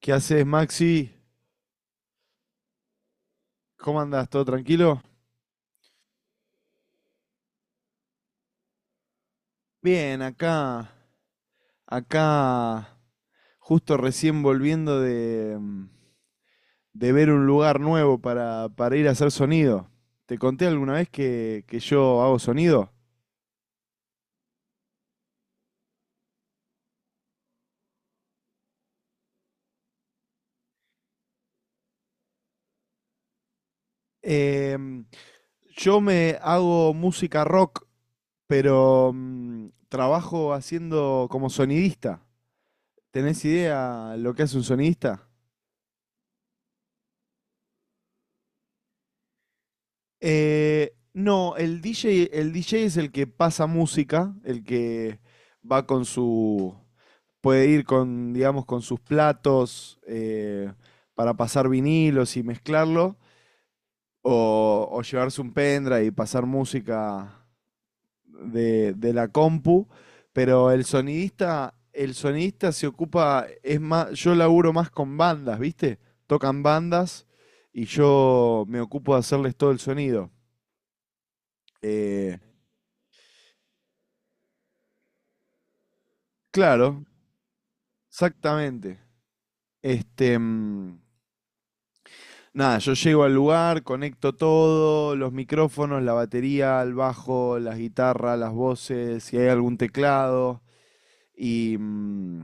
¿Qué haces, Maxi? ¿Cómo andás? ¿Todo tranquilo? Bien, acá, justo recién volviendo de ver un lugar nuevo para ir a hacer sonido. ¿Te conté alguna vez que yo hago sonido? Em, yo me hago música rock, pero trabajo haciendo como sonidista. ¿Tenés idea lo que hace un sonidista? No, el DJ es el que pasa música, el que va con puede ir con, digamos, con sus platos, para pasar vinilos y mezclarlo, o llevarse un pendrive y pasar música de la compu, pero el sonidista se ocupa. Es más, yo laburo más con bandas, ¿viste? Tocan bandas y yo me ocupo de hacerles todo el sonido. Eh, Claro, exactamente. Este, nada, yo llego al lugar, conecto todo, los micrófonos, la batería, el bajo, las guitarras, las voces, si hay algún teclado. Y, mm,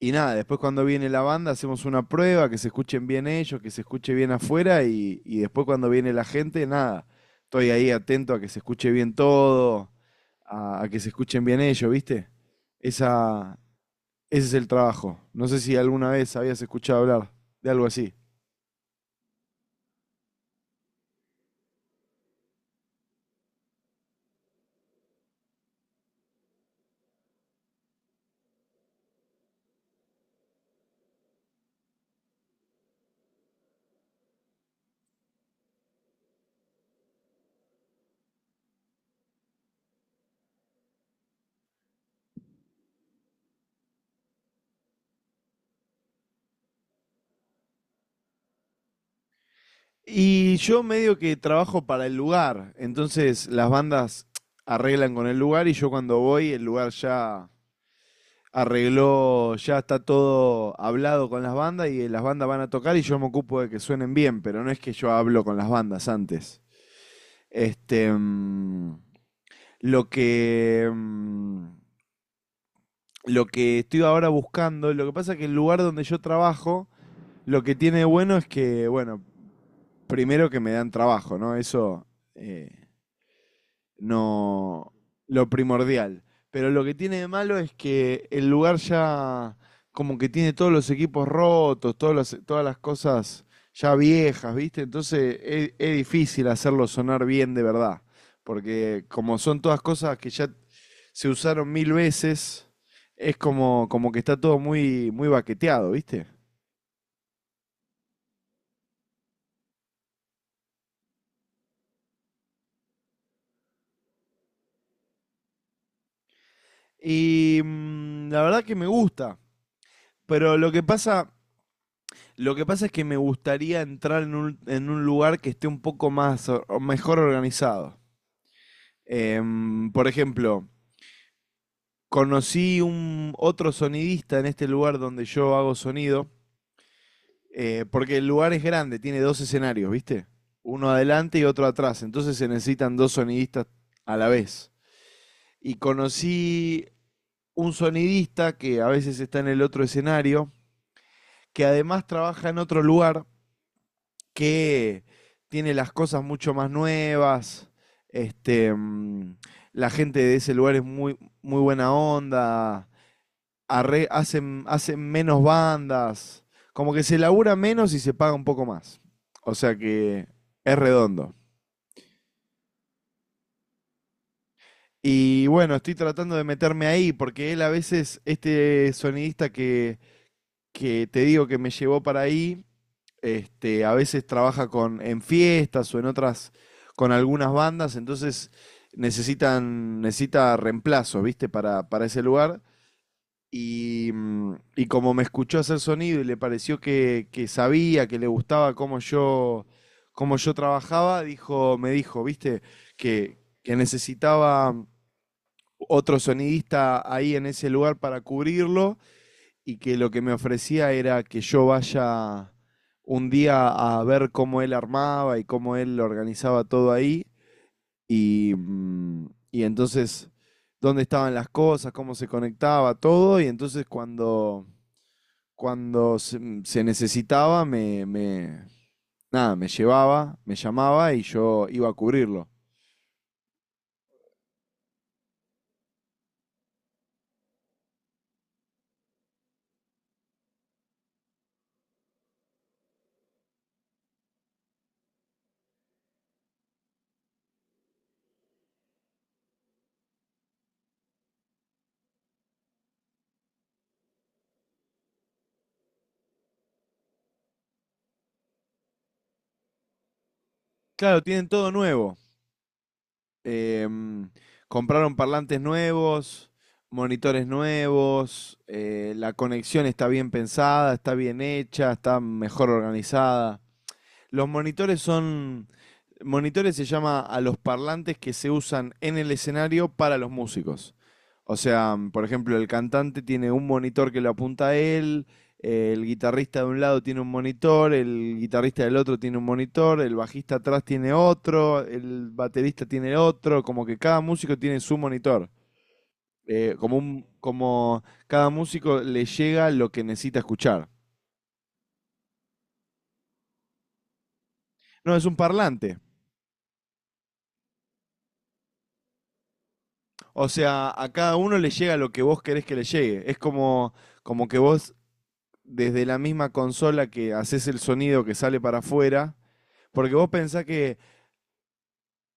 y, nada, después cuando viene la banda hacemos una prueba, que se escuchen bien ellos, que se escuche bien afuera, y después cuando viene la gente, nada, estoy ahí atento a que se escuche bien todo, a que se escuchen bien ellos, ¿viste? Esa, Ese es el trabajo. No sé si alguna vez habías escuchado hablar de algo así. Y yo medio que trabajo para el lugar, entonces las bandas arreglan con el lugar, y yo cuando voy el lugar ya arregló, ya está todo hablado con las bandas y las bandas van a tocar y yo me ocupo de que suenen bien, pero no es que yo hablo con las bandas antes. Este, lo que, mm, lo que estoy ahora buscando. Lo que pasa es que el lugar donde yo trabajo, lo que tiene de bueno es que, bueno, primero que me dan trabajo, ¿no? Eso, eh, no. Lo primordial. Pero lo que tiene de malo es que el lugar ya como que tiene todos los equipos rotos, todas las cosas ya viejas, ¿viste? Entonces es difícil hacerlo sonar bien de verdad. Porque como son todas cosas que ya se usaron mil veces, es como, como que está todo muy, muy baqueteado, ¿viste? Y la verdad que me gusta. Pero lo que pasa es que me gustaría entrar en un lugar que esté un poco más o mejor organizado. Por ejemplo, conocí un otro sonidista en este lugar donde yo hago sonido, porque el lugar es grande, tiene dos escenarios, ¿viste? Uno adelante y otro atrás. Entonces se necesitan dos sonidistas a la vez. Y conocí un sonidista que a veces está en el otro escenario, que además trabaja en otro lugar que tiene las cosas mucho más nuevas. Este, la gente de ese lugar es muy, muy buena onda. Hacen menos bandas. Como que se labura menos y se paga un poco más. O sea que es redondo. Y bueno, estoy tratando de meterme ahí porque él a veces, este sonidista que te digo que me llevó para ahí, a veces trabaja en fiestas o en otras, con algunas bandas. Entonces necesita reemplazo, ¿viste? Para ese lugar. Y, como me escuchó hacer sonido y le pareció que sabía, que le gustaba cómo yo trabajaba, dijo, me dijo, ¿viste? Que necesitaba otro sonidista ahí en ese lugar para cubrirlo, y que lo que me ofrecía era que yo vaya un día a ver cómo él armaba y cómo él organizaba todo ahí, y, mm, y entonces dónde estaban las cosas, cómo se conectaba todo, y entonces cuando se necesitaba, nada, me llevaba, me llamaba y yo iba a cubrirlo. Claro, tienen todo nuevo. Em, compraron parlantes nuevos, monitores nuevos, la conexión está bien pensada, está bien hecha, está mejor organizada. Los monitores son. Monitores se llama a los parlantes que se usan en el escenario para los músicos. O sea, por ejemplo, el cantante tiene un monitor que lo apunta a él, el guitarrista de un lado tiene un monitor, el guitarrista del otro tiene un monitor, el bajista atrás tiene otro, el baterista tiene otro, como que cada músico tiene su monitor. Como cada músico le llega lo que necesita escuchar. No, es un parlante. O sea, a cada uno le llega lo que vos querés que le llegue. Es como, como que vos, desde la misma consola que haces el sonido que sale para afuera, porque vos pensás que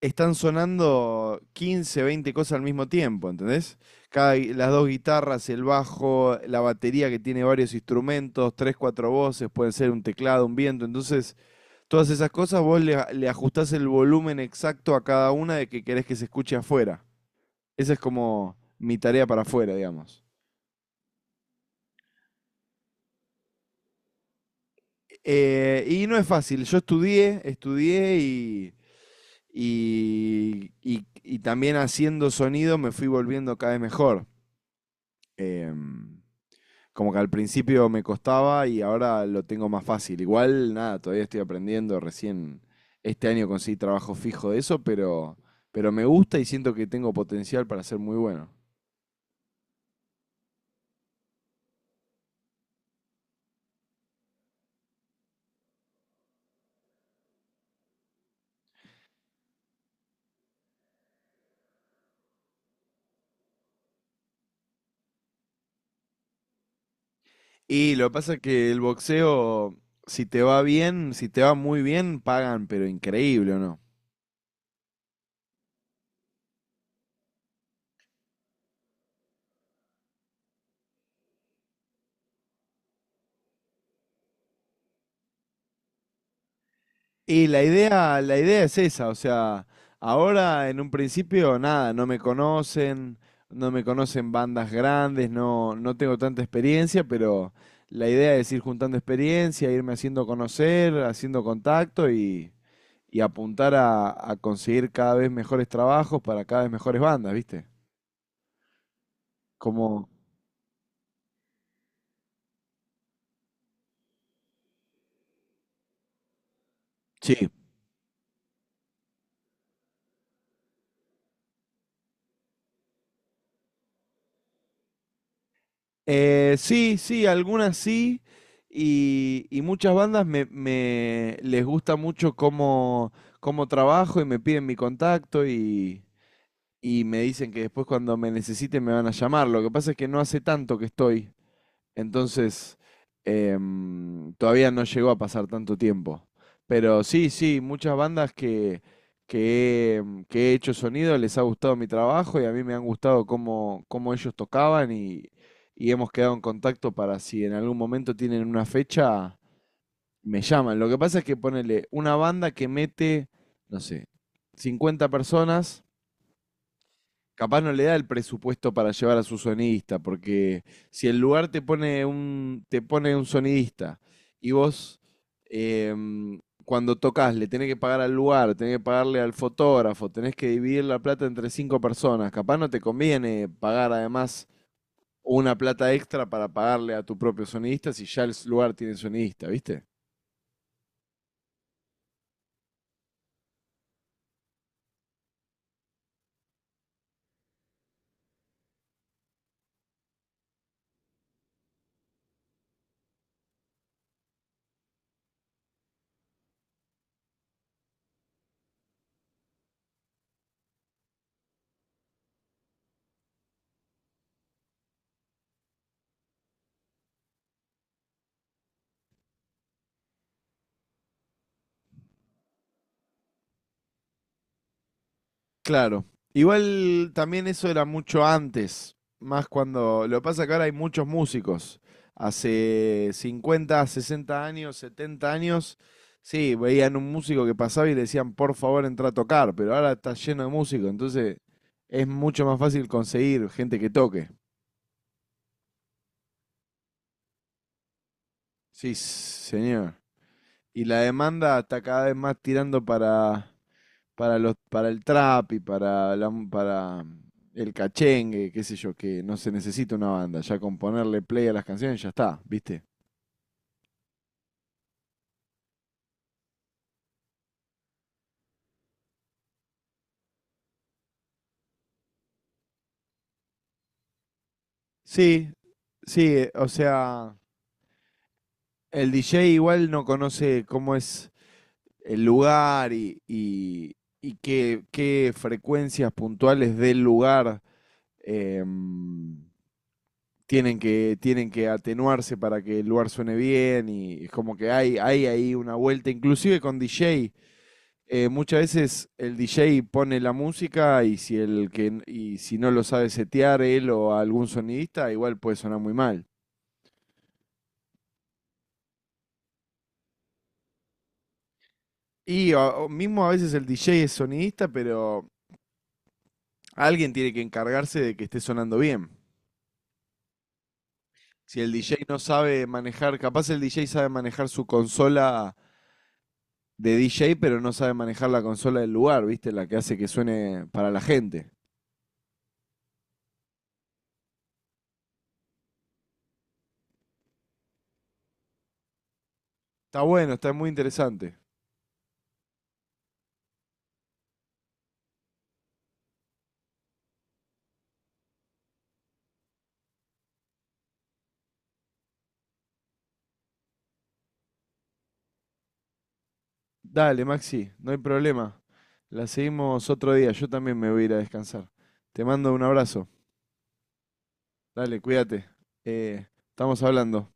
están sonando 15, 20 cosas al mismo tiempo, ¿entendés? Las dos guitarras, el bajo, la batería que tiene varios instrumentos, tres, cuatro voces, pueden ser un teclado, un viento. Entonces, todas esas cosas vos le ajustás el volumen exacto a cada una de que querés que se escuche afuera. Esa es como mi tarea para afuera, digamos. Y no es fácil. Yo estudié y también haciendo sonido me fui volviendo cada vez mejor. Em, como que al principio me costaba y ahora lo tengo más fácil. Igual, nada, todavía estoy aprendiendo. Recién este año conseguí trabajo fijo de eso, pero, me gusta y siento que tengo potencial para ser muy bueno. Y lo que pasa es que el boxeo, si te va bien, si te va muy bien, pagan, pero increíble, ¿o no? Y la idea es esa, o sea, ahora en un principio nada, no me conocen, no me conocen bandas grandes, no, no tengo tanta experiencia, pero la idea es ir juntando experiencia, irme haciendo conocer, haciendo contacto, y apuntar a conseguir cada vez mejores trabajos para cada vez mejores bandas, ¿viste? Como, sí. Sí, sí, algunas sí. Y muchas bandas me, les gusta mucho cómo trabajo y me piden mi contacto, y me dicen que después cuando me necesiten me van a llamar. Lo que pasa es que no hace tanto que estoy. Entonces, todavía no llegó a pasar tanto tiempo. Pero sí, sí, muchas bandas que he hecho sonido les ha gustado mi trabajo, y a mí me han gustado cómo ellos tocaban, y hemos quedado en contacto para si en algún momento tienen una fecha, me llaman. Lo que pasa es que ponele una banda que mete, no sé, 50 personas, capaz no le da el presupuesto para llevar a su sonidista, porque si el lugar te pone un sonidista y vos cuando tocas le tenés que pagar al lugar, tenés que pagarle al fotógrafo, tenés que dividir la plata entre cinco personas, capaz no te conviene pagar además una plata extra para pagarle a tu propio sonidista si ya el lugar tiene sonidista, ¿viste? Claro. Igual también eso era mucho antes, más cuando. Lo que pasa que ahora hay muchos músicos. Hace 50, 60 años, 70 años, sí, veían un músico que pasaba y le decían, por favor, entra a tocar, pero ahora está lleno de músicos, entonces es mucho más fácil conseguir gente que toque. Sí, señor. Y la demanda está cada vez más tirando para el trap y para el cachengue, qué sé yo, que no se necesita una banda, ya con ponerle play a las canciones ya está, ¿viste? Sí, sí, o sea, el DJ igual no conoce cómo es el lugar y qué frecuencias puntuales del lugar em, tienen que atenuarse para que el lugar suene bien, y es como que hay ahí una vuelta, inclusive con DJ, muchas veces el DJ pone la música, y si el que y si no lo sabe setear él o algún sonidista, igual puede sonar muy mal. O mismo a veces el DJ es sonidista, pero alguien tiene que encargarse de que esté sonando bien. Si el DJ no sabe manejar, capaz el DJ sabe manejar su consola de DJ, pero no sabe manejar la consola del lugar, ¿viste? La que hace que suene para la gente. Está bueno, está muy interesante. Dale, Maxi, no hay problema. La seguimos otro día. Yo también me voy a ir a descansar. Te mando un abrazo. Dale, cuídate. Eh, estamos hablando.